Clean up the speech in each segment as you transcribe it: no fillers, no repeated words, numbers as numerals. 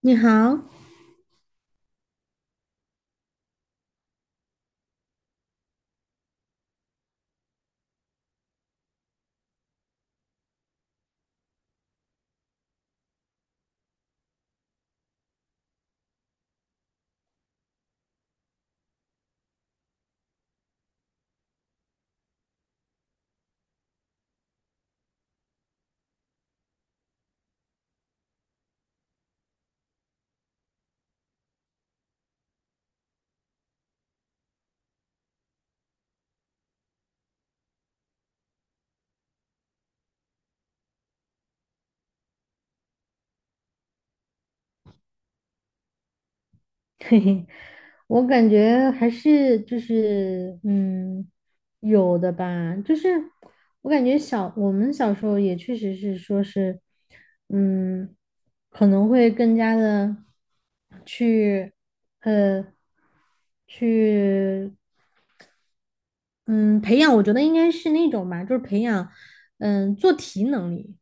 你好，嘿嘿，我感觉还是就是有的吧，就是我感觉我们小时候也确实是说是，嗯，可能会更加的去呃去嗯培养，我觉得应该是那种吧，就是培养做题能力，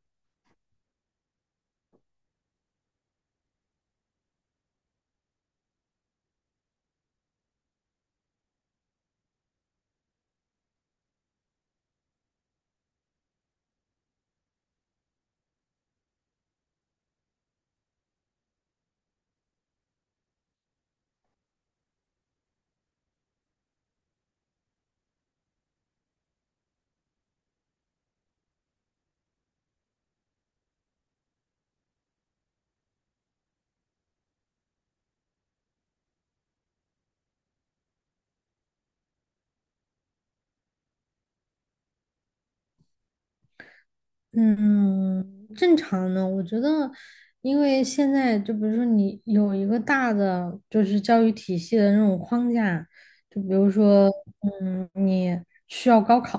嗯，正常的，我觉得，因为现在就比如说你有一个大的就是教育体系的那种框架，就比如说，你需要高考，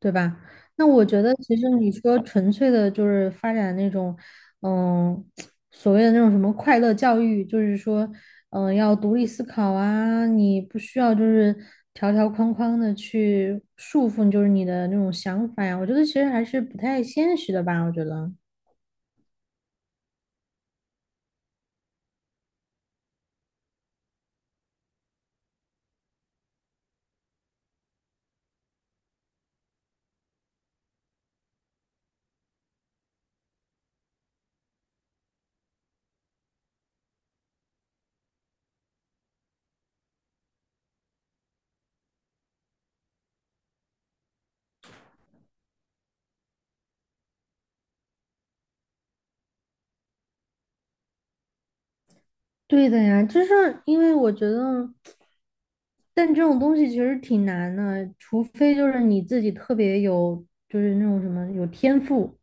对吧？那我觉得其实你说纯粹的就是发展那种，嗯，所谓的那种什么快乐教育，就是说要独立思考啊，你不需要就是条条框框的去束缚，就是你的那种想法呀。我觉得其实还是不太现实的吧，我觉得。对的呀，就是因为我觉得。但这种东西其实挺难的，除非就是你自己特别有，就是那种什么有天赋，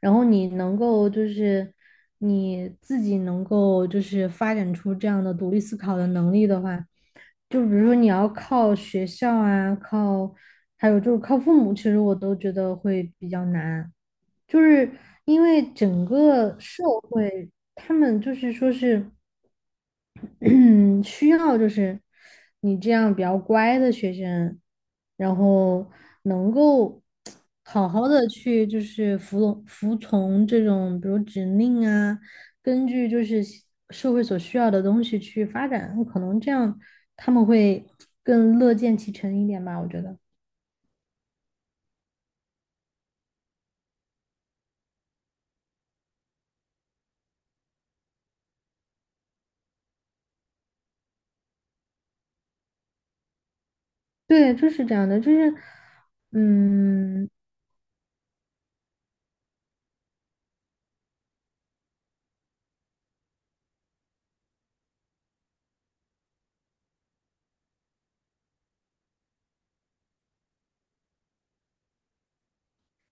然后你能够就是你自己能够就是发展出这样的独立思考的能力的话，就比如说你要靠学校啊，靠还有就是靠父母，其实我都觉得会比较难，就是因为整个社会他们就是说是。需要就是你这样比较乖的学生，然后能够好好的去就是服从这种比如指令啊，根据就是社会所需要的东西去发展，可能这样他们会更乐见其成一点吧，我觉得。对，就是这样的，就是嗯，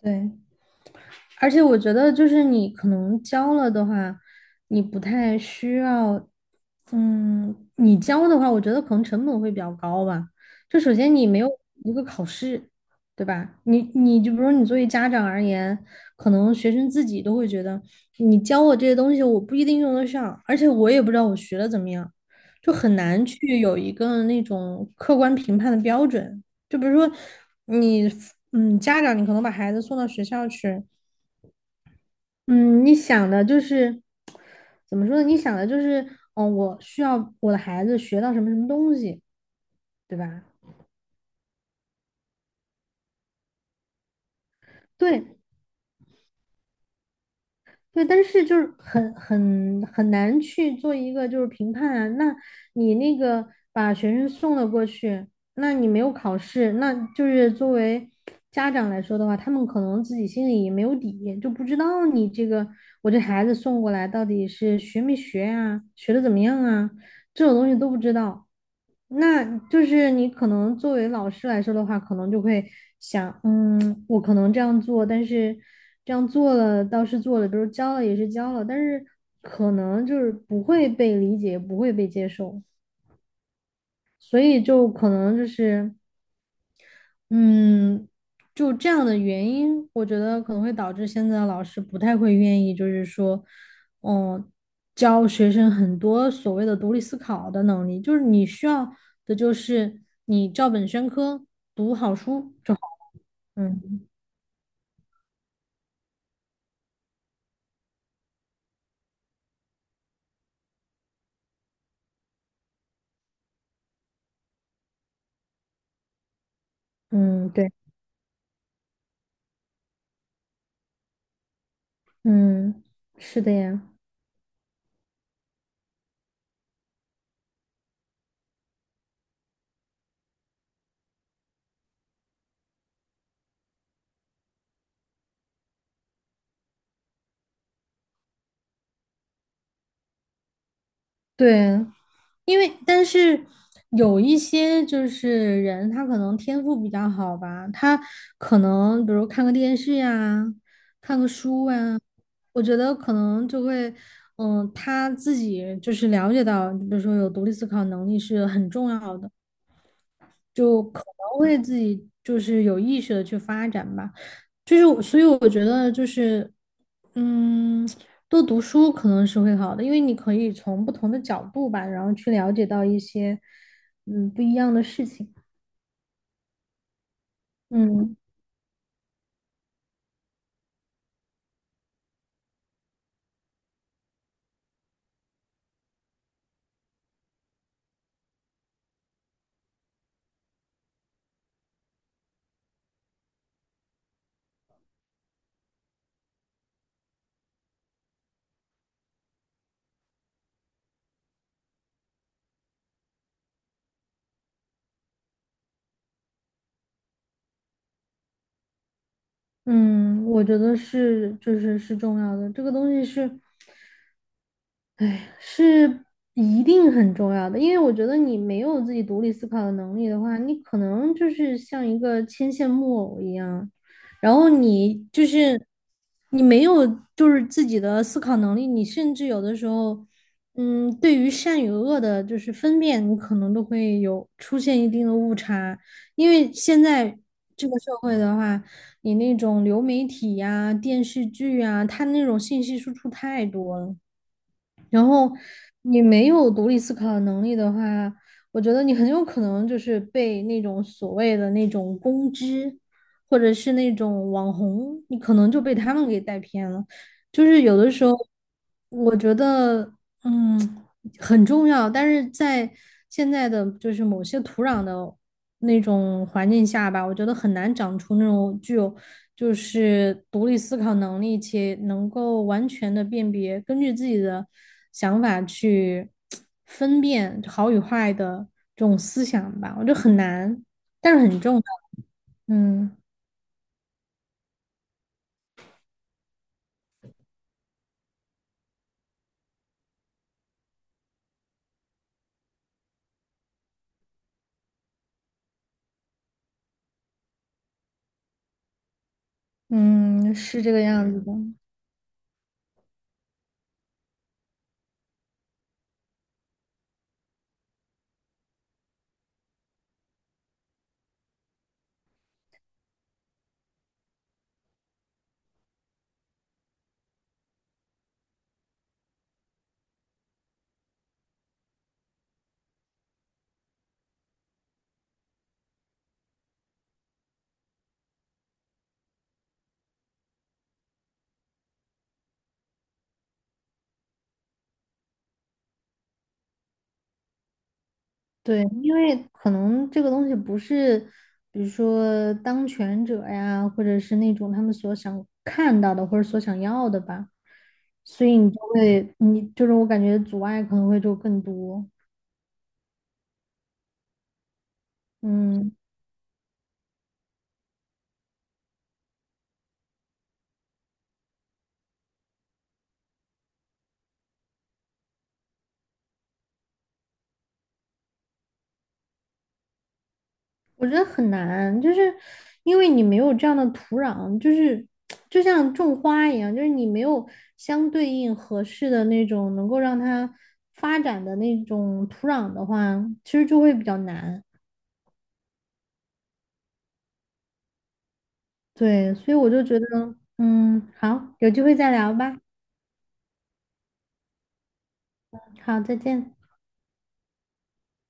对。而且我觉得，就是你可能教了的话，你不太需要，你教的话，我觉得可能成本会比较高吧。就首先你没有一个考试，对吧？你就比如说你作为家长而言，可能学生自己都会觉得，你教我这些东西，我不一定用得上，而且我也不知道我学的怎么样，就很难去有一个那种客观评判的标准。就比如说你，嗯，家长你可能把孩子送到学校去。嗯，你想的就是怎么说呢？你想的就是，我需要我的孩子学到什么什么东西，对吧？对对，但是就是很难去做一个就是评判啊。那你那个把学生送了过去，那你没有考试，那就是作为家长来说的话，他们可能自己心里也没有底，就不知道你这个我这孩子送过来到底是学没学啊，学的怎么样啊，这种东西都不知道。那就是你可能作为老师来说的话，可能就会想，我可能这样做，但是这样做了倒是做了，比如教了也是教了，但是可能就是不会被理解，不会被接受，所以就可能就是。嗯，就这样的原因，我觉得可能会导致现在的老师不太会愿意，就是说，嗯，教学生很多所谓的独立思考的能力，就是你需要的就是你照本宣科。嗯嗯，对，嗯，是的呀。对，因为但是有一些就是人，他可能天赋比较好吧，他可能比如看个电视呀，看个书啊，我觉得可能就会，他自己就是了解到，比如说有独立思考能力是很重要的。就可能会自己就是有意识的去发展吧。就是我，所以我觉得就是，嗯，多读书可能是会好的，因为你可以从不同的角度吧，然后去了解到一些不一样的事情。嗯。嗯，我觉得是，就是是重要的。这个东西是，哎，是一定很重要的。因为我觉得你没有自己独立思考的能力的话，你可能就是像一个牵线木偶一样，然后你就是你没有就是自己的思考能力，你甚至有的时候，对于善与恶的就是分辨，你可能都会有出现一定的误差。因为现在这个社会的话。你那种流媒体呀、电视剧呀，它那种信息输出太多了，然后你没有独立思考的能力的话，我觉得你很有可能就是被那种所谓的那种公知，或者是那种网红，你可能就被他们给带偏了。就是有的时候，我觉得，嗯，很重要，但是在现在的就是某些土壤的那种环境下吧，我觉得很难长出那种具有就是独立思考能力且能够完全的辨别，根据自己的想法去分辨好与坏的这种思想吧，我觉得很难，但是很重要。嗯嗯，是这个样子的。对，因为可能这个东西不是，比如说当权者呀，或者是那种他们所想看到的或者所想要的吧，所以你就会，你就是我感觉阻碍可能会就更多。嗯，我觉得很难，就是因为你没有这样的土壤，就是就像种花一样，就是你没有相对应合适的那种能够让它发展的那种土壤的话，其实就会比较难。对，所以我就觉得，嗯，好，有机会再聊吧。好，再见。